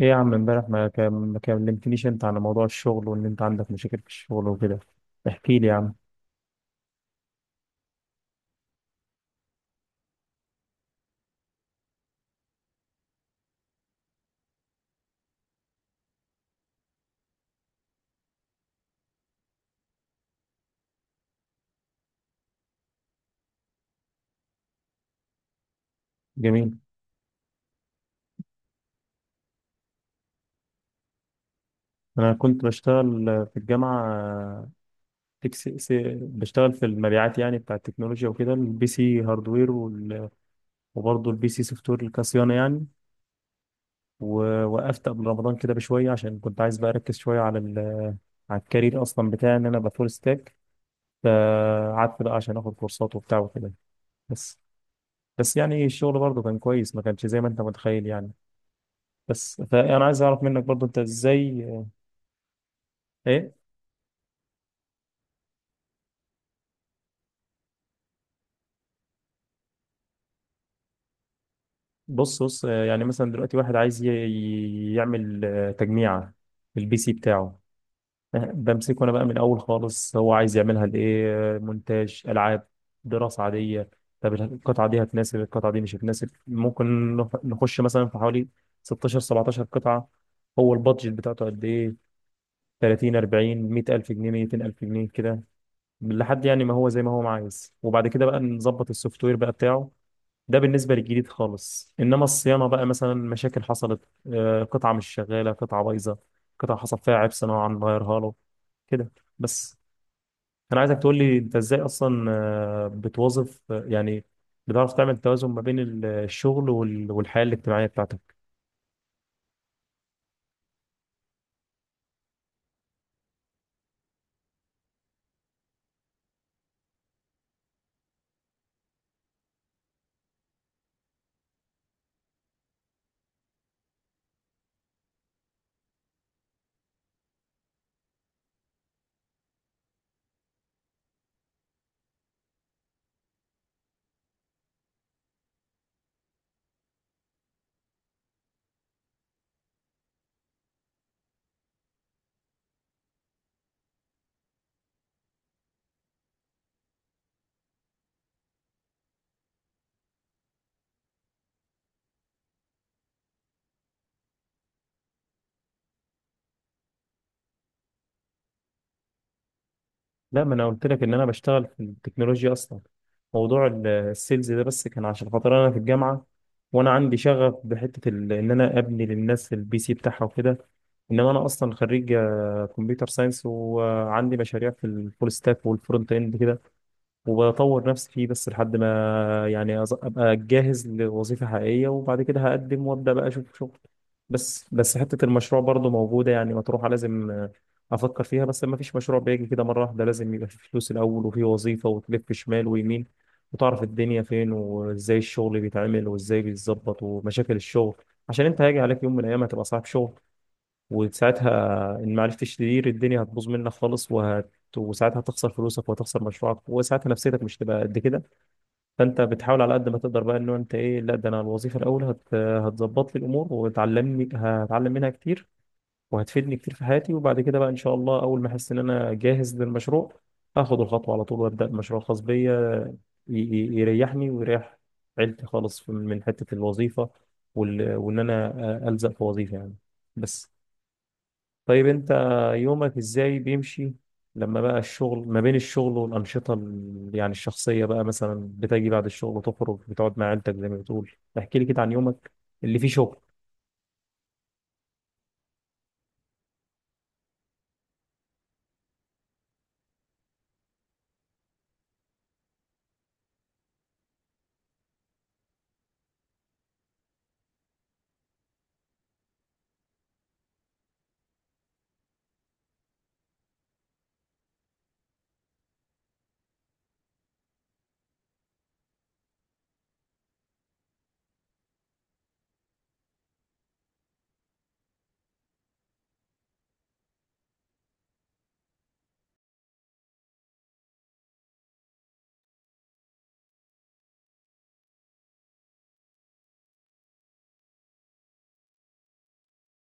ايه يا عم، امبارح ما كلمتنيش انت عن موضوع الشغل وان انت عندك مشاكل في الشغل وكده. احكي لي يا عم. جميل. انا كنت بشتغل في الجامعة، تكس... س- بشتغل في المبيعات، يعني بتاع التكنولوجيا وكده، البي سي هاردوير وبرضه البي سي سوفت وير كصيانة يعني. ووقفت قبل رمضان كده بشوية عشان كنت عايز بقى اركز شوية على على الكارير اصلا بتاعي، ان انا ابقى فول ستاك. فقعدت بقى عشان اخد كورسات وبتاع وكده. بس بس يعني الشغل برضه كان كويس، ما كانش زي ما انت متخيل يعني. بس فانا عايز اعرف منك برضو انت ازاي. ايه. بص بص، يعني مثلا دلوقتي واحد عايز يعمل تجميعة في البي سي بتاعه. بمسكه انا بقى من الاول خالص، هو عايز يعملها لايه، مونتاج، العاب، دراسة عادية. طب القطعة دي هتناسب، القطعة دي مش هتناسب، ممكن نخش مثلا في حوالي 16 17 قطعة. هو البادجت بتاعته قد ايه؟ 30 40 100000 جنيه 200000 جنيه كده، لحد يعني ما هو زي ما هو عايز. وبعد كده بقى نظبط السوفت وير بقى بتاعه. ده بالنسبة للجديد خالص. إنما الصيانة بقى، مثلا مشاكل حصلت، قطعة مش شغالة، قطعة بايظة، قطعة حصل فيها عيب صناعة نغيرها له كده. بس. أنا عايزك تقول لي أنت إزاي أصلا بتوظف، يعني بتعرف تعمل توازن ما بين الشغل والحياة الاجتماعية بتاعتك. لا، ما انا قلت لك ان انا بشتغل في التكنولوجيا اصلا. موضوع السيلز ده بس كان عشان خاطر انا في الجامعه، وانا عندي شغف بحته ان انا ابني للناس البي سي بتاعها وكده. انما انا اصلا خريج كمبيوتر ساينس، وعندي مشاريع في الفول ستاك والفرونت اند كده، وبطور نفسي فيه بس لحد ما يعني ابقى جاهز لوظيفة حقيقية، وبعد كده هقدم وابدا بقى اشوف شغل. بس حتة المشروع برضه موجودة، يعني مطروحة، لازم افكر فيها. بس ما فيش مشروع بيجي كده مرة واحدة، لازم يبقى في فلوس الاول، وفي وظيفة، وتلف شمال ويمين، وتعرف الدنيا فين وازاي الشغل بيتعمل وازاي بيتظبط ومشاكل الشغل. عشان انت هيجي عليك يوم من الايام هتبقى صاحب شغل، وساعتها ان ما عرفتش تدير الدنيا هتبوظ منك خالص، وساعتها هتخسر فلوسك وهتخسر مشروعك، وساعتها نفسيتك مش تبقى قد كده. فانت بتحاول على قد ما تقدر بقى انه انت ايه، لا ده انا الوظيفه الاول هتظبط لي الامور وتعلمني، هتعلم منها كتير وهتفيدني كتير في حياتي. وبعد كده بقى ان شاء الله اول ما احس ان انا جاهز للمشروع هاخد الخطوه على طول وابدا مشروع خاص بيا، يريحني ويريح عيلتي خالص من حته الوظيفه وان انا الزق في وظيفه يعني. بس. طيب انت يومك ازاي بيمشي لما بقى الشغل، ما بين الشغل والأنشطة يعني الشخصية بقى، مثلا بتجي بعد الشغل تخرج بتقعد مع عيلتك زي ما بتقول؟ احكي لي كده عن يومك اللي فيه شغل.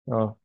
اه.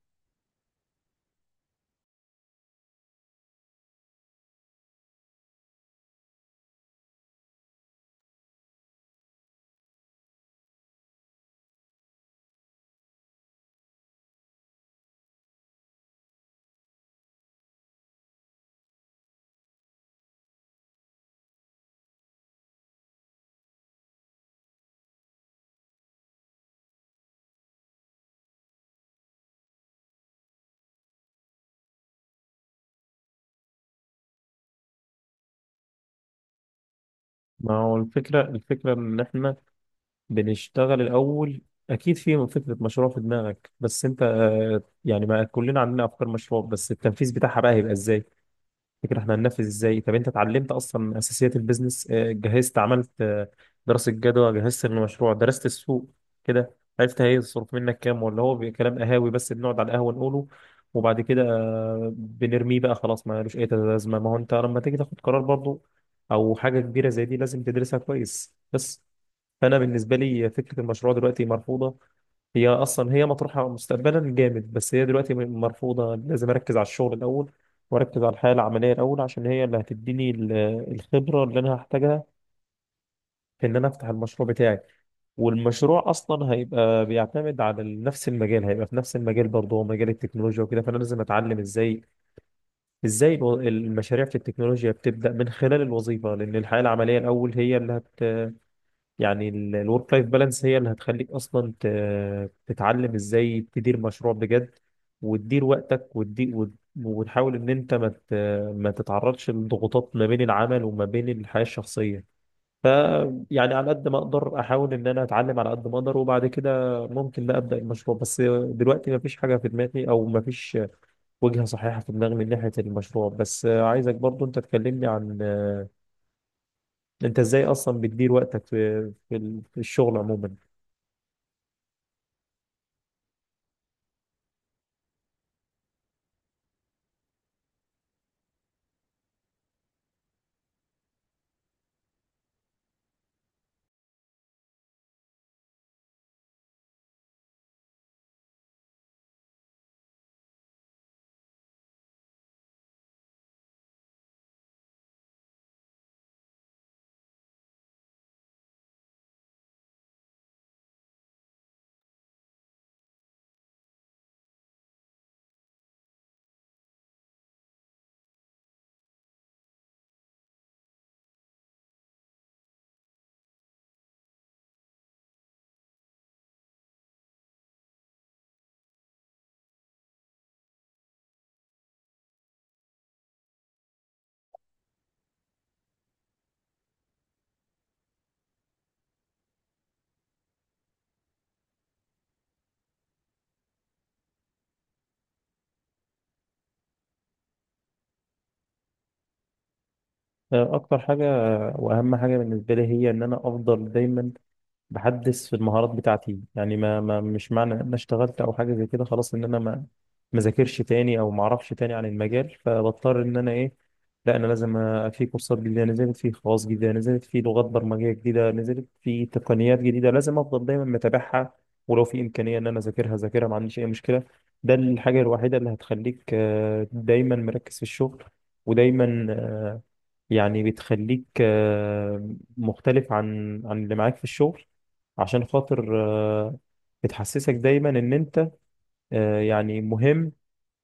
ما هو الفكرة، الفكرة ان احنا بنشتغل الأول. اكيد في فكرة مشروع في دماغك، بس انت يعني ما كلنا عندنا افكار مشروع، بس التنفيذ بتاعها بقى هيبقى ازاي؟ تفتكر احنا هننفذ ازاي؟ طب انت اتعلمت اصلا من اساسيات البيزنس؟ جهزت، عملت دراسة جدوى؟ جهزت المشروع، درست السوق كده، عرفت هيصرف منك كام؟ ولا هو كلام قهاوي بس بنقعد على القهوة نقوله وبعد كده بنرميه بقى خلاص ما لوش اي لازمة؟ ما هو انت لما تيجي تاخد قرار برضو او حاجة كبيرة زي دي لازم تدرسها كويس. بس فانا بالنسبة لي فكرة المشروع دلوقتي مرفوضة، هي اصلا هي مطروحه مستقبلا جامد بس هي دلوقتي مرفوضه. لازم اركز على الشغل الاول، واركز على الحياه العمليه الاول، عشان هي اللي هتديني الخبره اللي انا هحتاجها في ان انا افتح المشروع بتاعي. والمشروع اصلا هيبقى بيعتمد على نفس المجال، هيبقى في نفس المجال برضه، هو مجال التكنولوجيا وكده. فانا لازم اتعلم ازاي، المشاريع في التكنولوجيا بتبدا من خلال الوظيفه، لان الحياه العمليه الاول هي اللي يعني الورك لايف بالانس هي اللي هتخليك اصلا تتعلم ازاي تدير مشروع بجد، وتدير وقتك، وتحاول ان انت ما ما تتعرضش لضغوطات ما بين العمل وما بين الحياة الشخصية. ف يعني على قد ما اقدر احاول ان انا اتعلم على قد ما اقدر، وبعد كده ممكن لا ابدا المشروع، بس دلوقتي ما فيش حاجة في دماغي، او ما فيش وجهة صحيحة في دماغي من ناحية المشروع. بس عايزك برضو انت تكلمني عن انت ازاي اصلا بتدير وقتك في في الشغل عموما. اكتر حاجه واهم حاجه بالنسبه لي هي ان انا افضل دايما بحدث في المهارات بتاعتي، يعني ما مش معنى ان انا اشتغلت او حاجه زي كده خلاص ان انا ما ذاكرش تاني او ما اعرفش تاني عن المجال، فبضطر ان انا ايه، لا انا لازم، في كورسات جديده نزلت، في خواص جديده نزلت، في لغات برمجيه جديده نزلت، في تقنيات جديده، لازم افضل دايما متابعها، ولو في امكانيه ان انا اذاكرها ذاكرها ما عنديش اي مشكله. ده الحاجه الوحيده اللي هتخليك دايما مركز في الشغل، ودايما يعني بتخليك مختلف عن اللي معاك في الشغل، عشان خاطر آه، بتحسسك دايما ان انت يعني مهم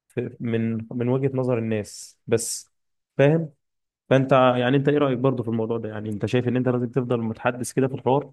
من وجهة نظر الناس. بس فاهم؟ فانت يعني انت ايه رأيك برضو في الموضوع ده؟ يعني انت شايف ان انت لازم تفضل متحدث كده في الحوار؟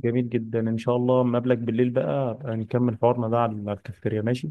جميل جدا، ان شاء الله مقابلك بالليل بقى أبقى نكمل حوارنا ده على الكافيتيريا، ماشي؟